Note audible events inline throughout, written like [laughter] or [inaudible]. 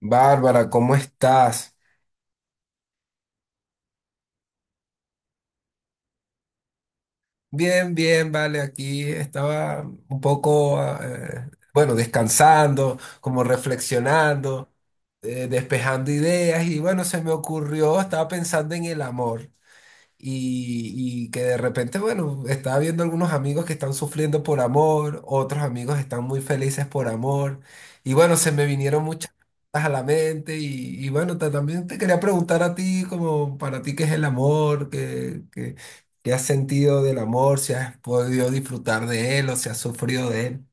Bárbara, ¿cómo estás? Bien, bien, vale, aquí estaba un poco, bueno, descansando, como reflexionando, despejando ideas y bueno, se me ocurrió, estaba pensando en el amor. Y que de repente, bueno, estaba viendo algunos amigos que están sufriendo por amor, otros amigos están muy felices por amor, y bueno, se me vinieron muchas cosas a la mente, y bueno, también te quería preguntar a ti, como para ti, ¿qué es el amor? ¿ qué has sentido del amor? ¿Si has podido disfrutar de él o si has sufrido de él?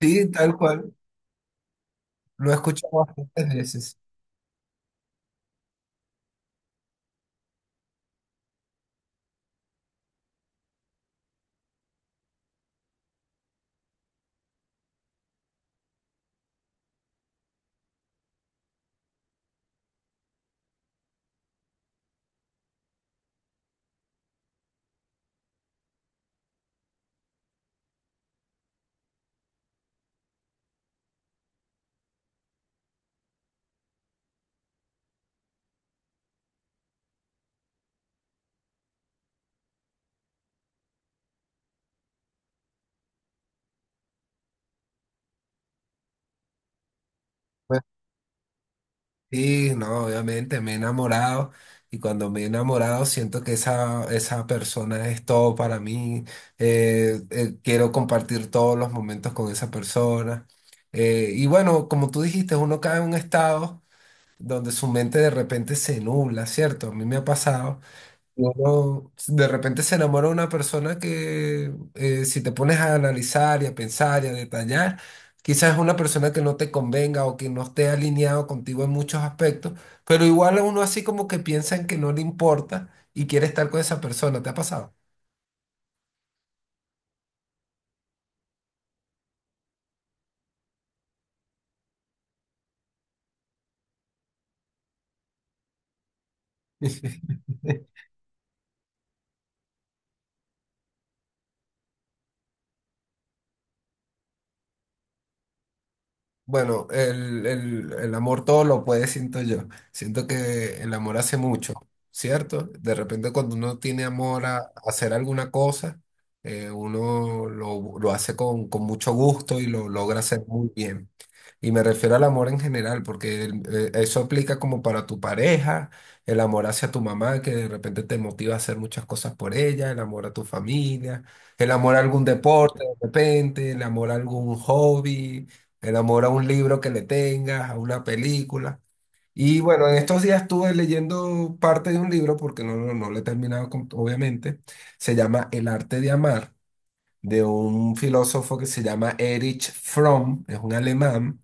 Sí, tal cual, lo he escuchado bastantes veces. Sí, no, obviamente me he enamorado y cuando me he enamorado siento que esa persona es todo para mí. Quiero compartir todos los momentos con esa persona. Y bueno, como tú dijiste, uno cae en un estado donde su mente de repente se nubla, ¿cierto? A mí me ha pasado. Uno de repente se enamora de una persona que, si te pones a analizar y a pensar y a detallar, quizás es una persona que no te convenga o que no esté alineado contigo en muchos aspectos, pero igual uno así como que piensa en que no le importa y quiere estar con esa persona. ¿Te ha pasado? Bueno, el amor todo lo puede, siento yo. Siento que el amor hace mucho, ¿cierto? De repente cuando uno tiene amor a hacer alguna cosa, uno lo hace con mucho gusto y lo logra hacer muy bien. Y me refiero al amor en general, porque eso aplica como para tu pareja, el amor hacia tu mamá, que de repente te motiva a hacer muchas cosas por ella, el amor a tu familia, el amor a algún deporte de repente, el amor a algún hobby, el amor a un libro que le tengas, a una película. Y bueno, en estos días estuve leyendo parte de un libro, porque no lo he terminado, obviamente, se llama El arte de amar, de un filósofo que se llama Erich Fromm, es un alemán,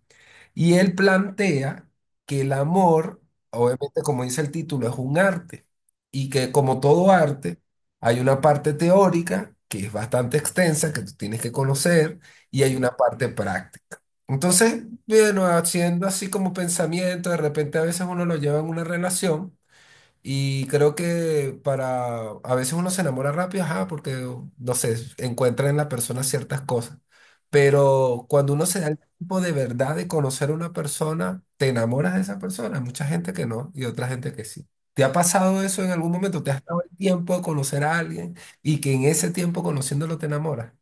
y él plantea que el amor, obviamente como dice el título, es un arte, y que como todo arte hay una parte teórica que es bastante extensa, que tú tienes que conocer, y hay una parte práctica. Entonces, bueno, haciendo así como pensamiento, de repente a veces uno lo lleva en una relación. Y creo que para, a veces uno se enamora rápido, ajá, porque, no sé, encuentra en la persona ciertas cosas. Pero cuando uno se da el tiempo de verdad de conocer a una persona, te enamoras de esa persona. Hay mucha gente que no y otra gente que sí. ¿Te ha pasado eso en algún momento? ¿Te has dado el tiempo de conocer a alguien y que en ese tiempo conociéndolo te enamoras?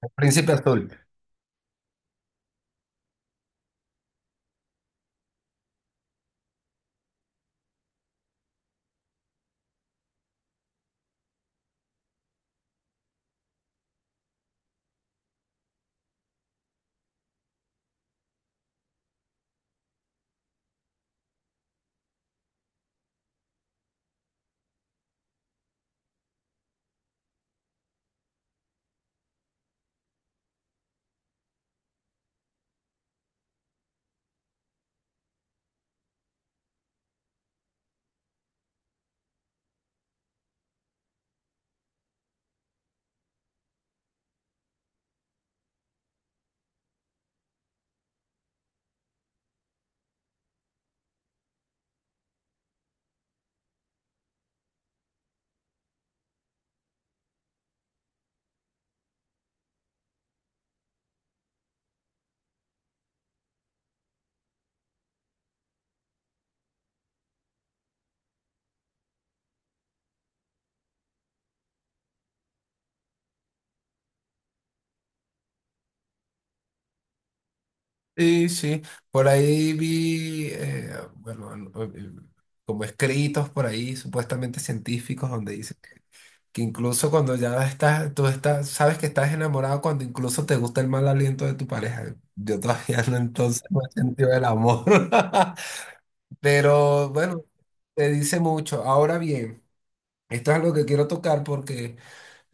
El Príncipe Azul. Sí, sí. Por ahí vi, bueno, como escritos por ahí, supuestamente científicos, donde dicen que incluso cuando ya estás, tú estás, sabes que estás enamorado cuando incluso te gusta el mal aliento de tu pareja. Yo todavía no, entonces no he sentido el amor. [laughs] Pero bueno, te dice mucho. Ahora bien, esto es algo que quiero tocar porque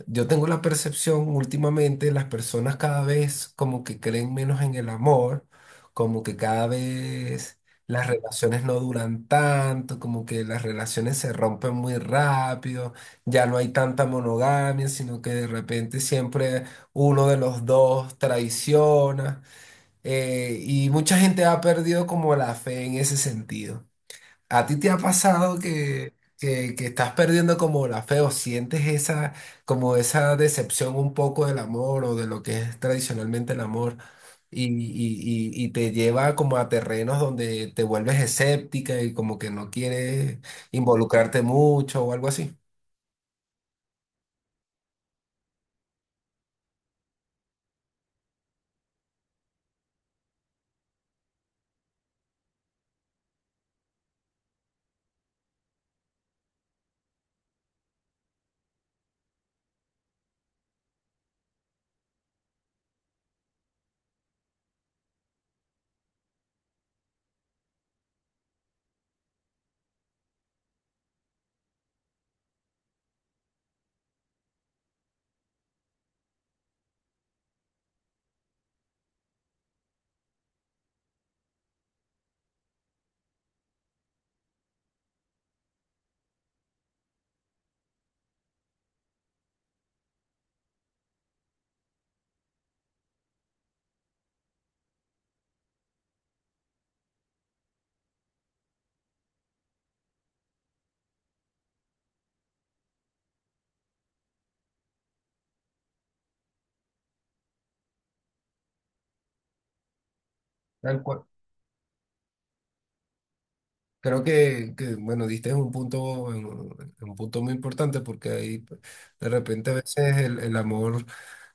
yo tengo la percepción últimamente, las personas cada vez como que creen menos en el amor, como que cada vez las relaciones no duran tanto, como que las relaciones se rompen muy rápido, ya no hay tanta monogamia, sino que de repente siempre uno de los dos traiciona, y mucha gente ha perdido como la fe en ese sentido. ¿A ti te ha pasado que estás perdiendo como la fe o sientes esa, como esa decepción un poco del amor o de lo que es tradicionalmente el amor y te lleva como a terrenos donde te vuelves escéptica y como que no quieres involucrarte mucho o algo así? Tal cual. Creo que, bueno, diste un punto, un punto muy importante porque ahí de repente a veces el amor...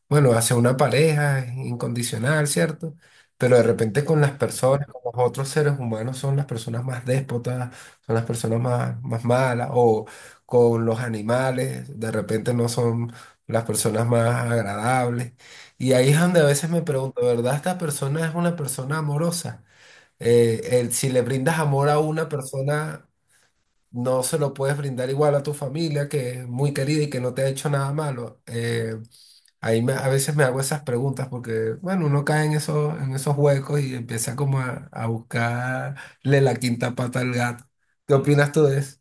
bueno, hacia una pareja es incondicional, ¿cierto? Pero de repente con las personas, con los otros seres humanos, son las personas más déspotas, son las personas más, más malas, o con los animales, de repente no son las personas más agradables. Y ahí es donde a veces me pregunto, ¿verdad? ¿Esta persona es una persona amorosa? Si le brindas amor a una persona, no se lo puedes brindar igual a tu familia, que es muy querida y que no te ha hecho nada malo. Ahí a veces me hago esas preguntas porque, bueno, uno cae en esos huecos y empieza como a buscarle la quinta pata al gato. ¿Qué opinas tú de eso?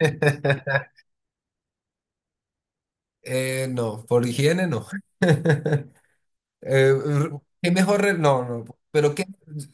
[laughs] No, por higiene no. [laughs] Eh, r- ¿qué mejor? No, no, pero que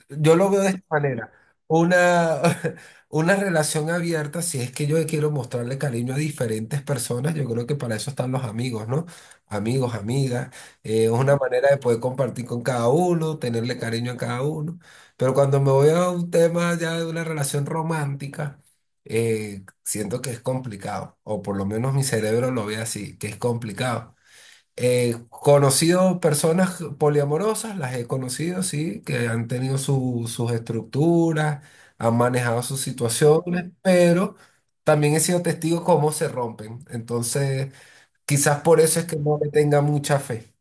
yo lo veo de esta manera. Una, [laughs] una relación abierta, si es que yo quiero mostrarle cariño a diferentes personas, yo creo que para eso están los amigos, ¿no? Amigos, amigas, es una manera de poder compartir con cada uno, tenerle cariño a cada uno. Pero cuando me voy a un tema ya de una relación romántica, siento que es complicado, o por lo menos mi cerebro lo ve así, que es complicado. He conocido personas poliamorosas, las he conocido, sí, que han tenido sus estructuras, han manejado sus situaciones, pero también he sido testigo cómo se rompen. Entonces, quizás por eso es que no le tenga mucha fe.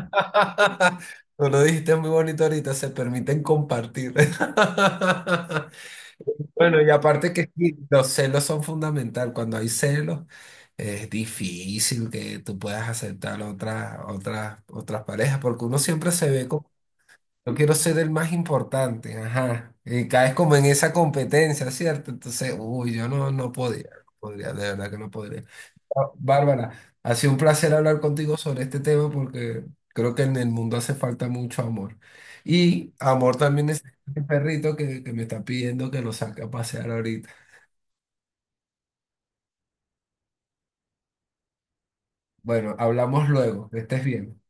[laughs] Tú lo dijiste muy bonito ahorita, se permiten compartir. [laughs] Bueno, y aparte que sí, los celos son fundamental. Cuando hay celos, es difícil que tú puedas aceptar otras parejas, porque uno siempre se ve como, yo quiero ser el más importante, ajá, y caes como en esa competencia, ¿cierto? Entonces, uy, yo no, no podría, no podría, de verdad que no podría. Ah, Bárbara, ha sido un placer hablar contigo sobre este tema porque creo que en el mundo hace falta mucho amor. Y amor también es el perrito que me está pidiendo que lo saque a pasear ahorita. Bueno, hablamos luego, que estés bien.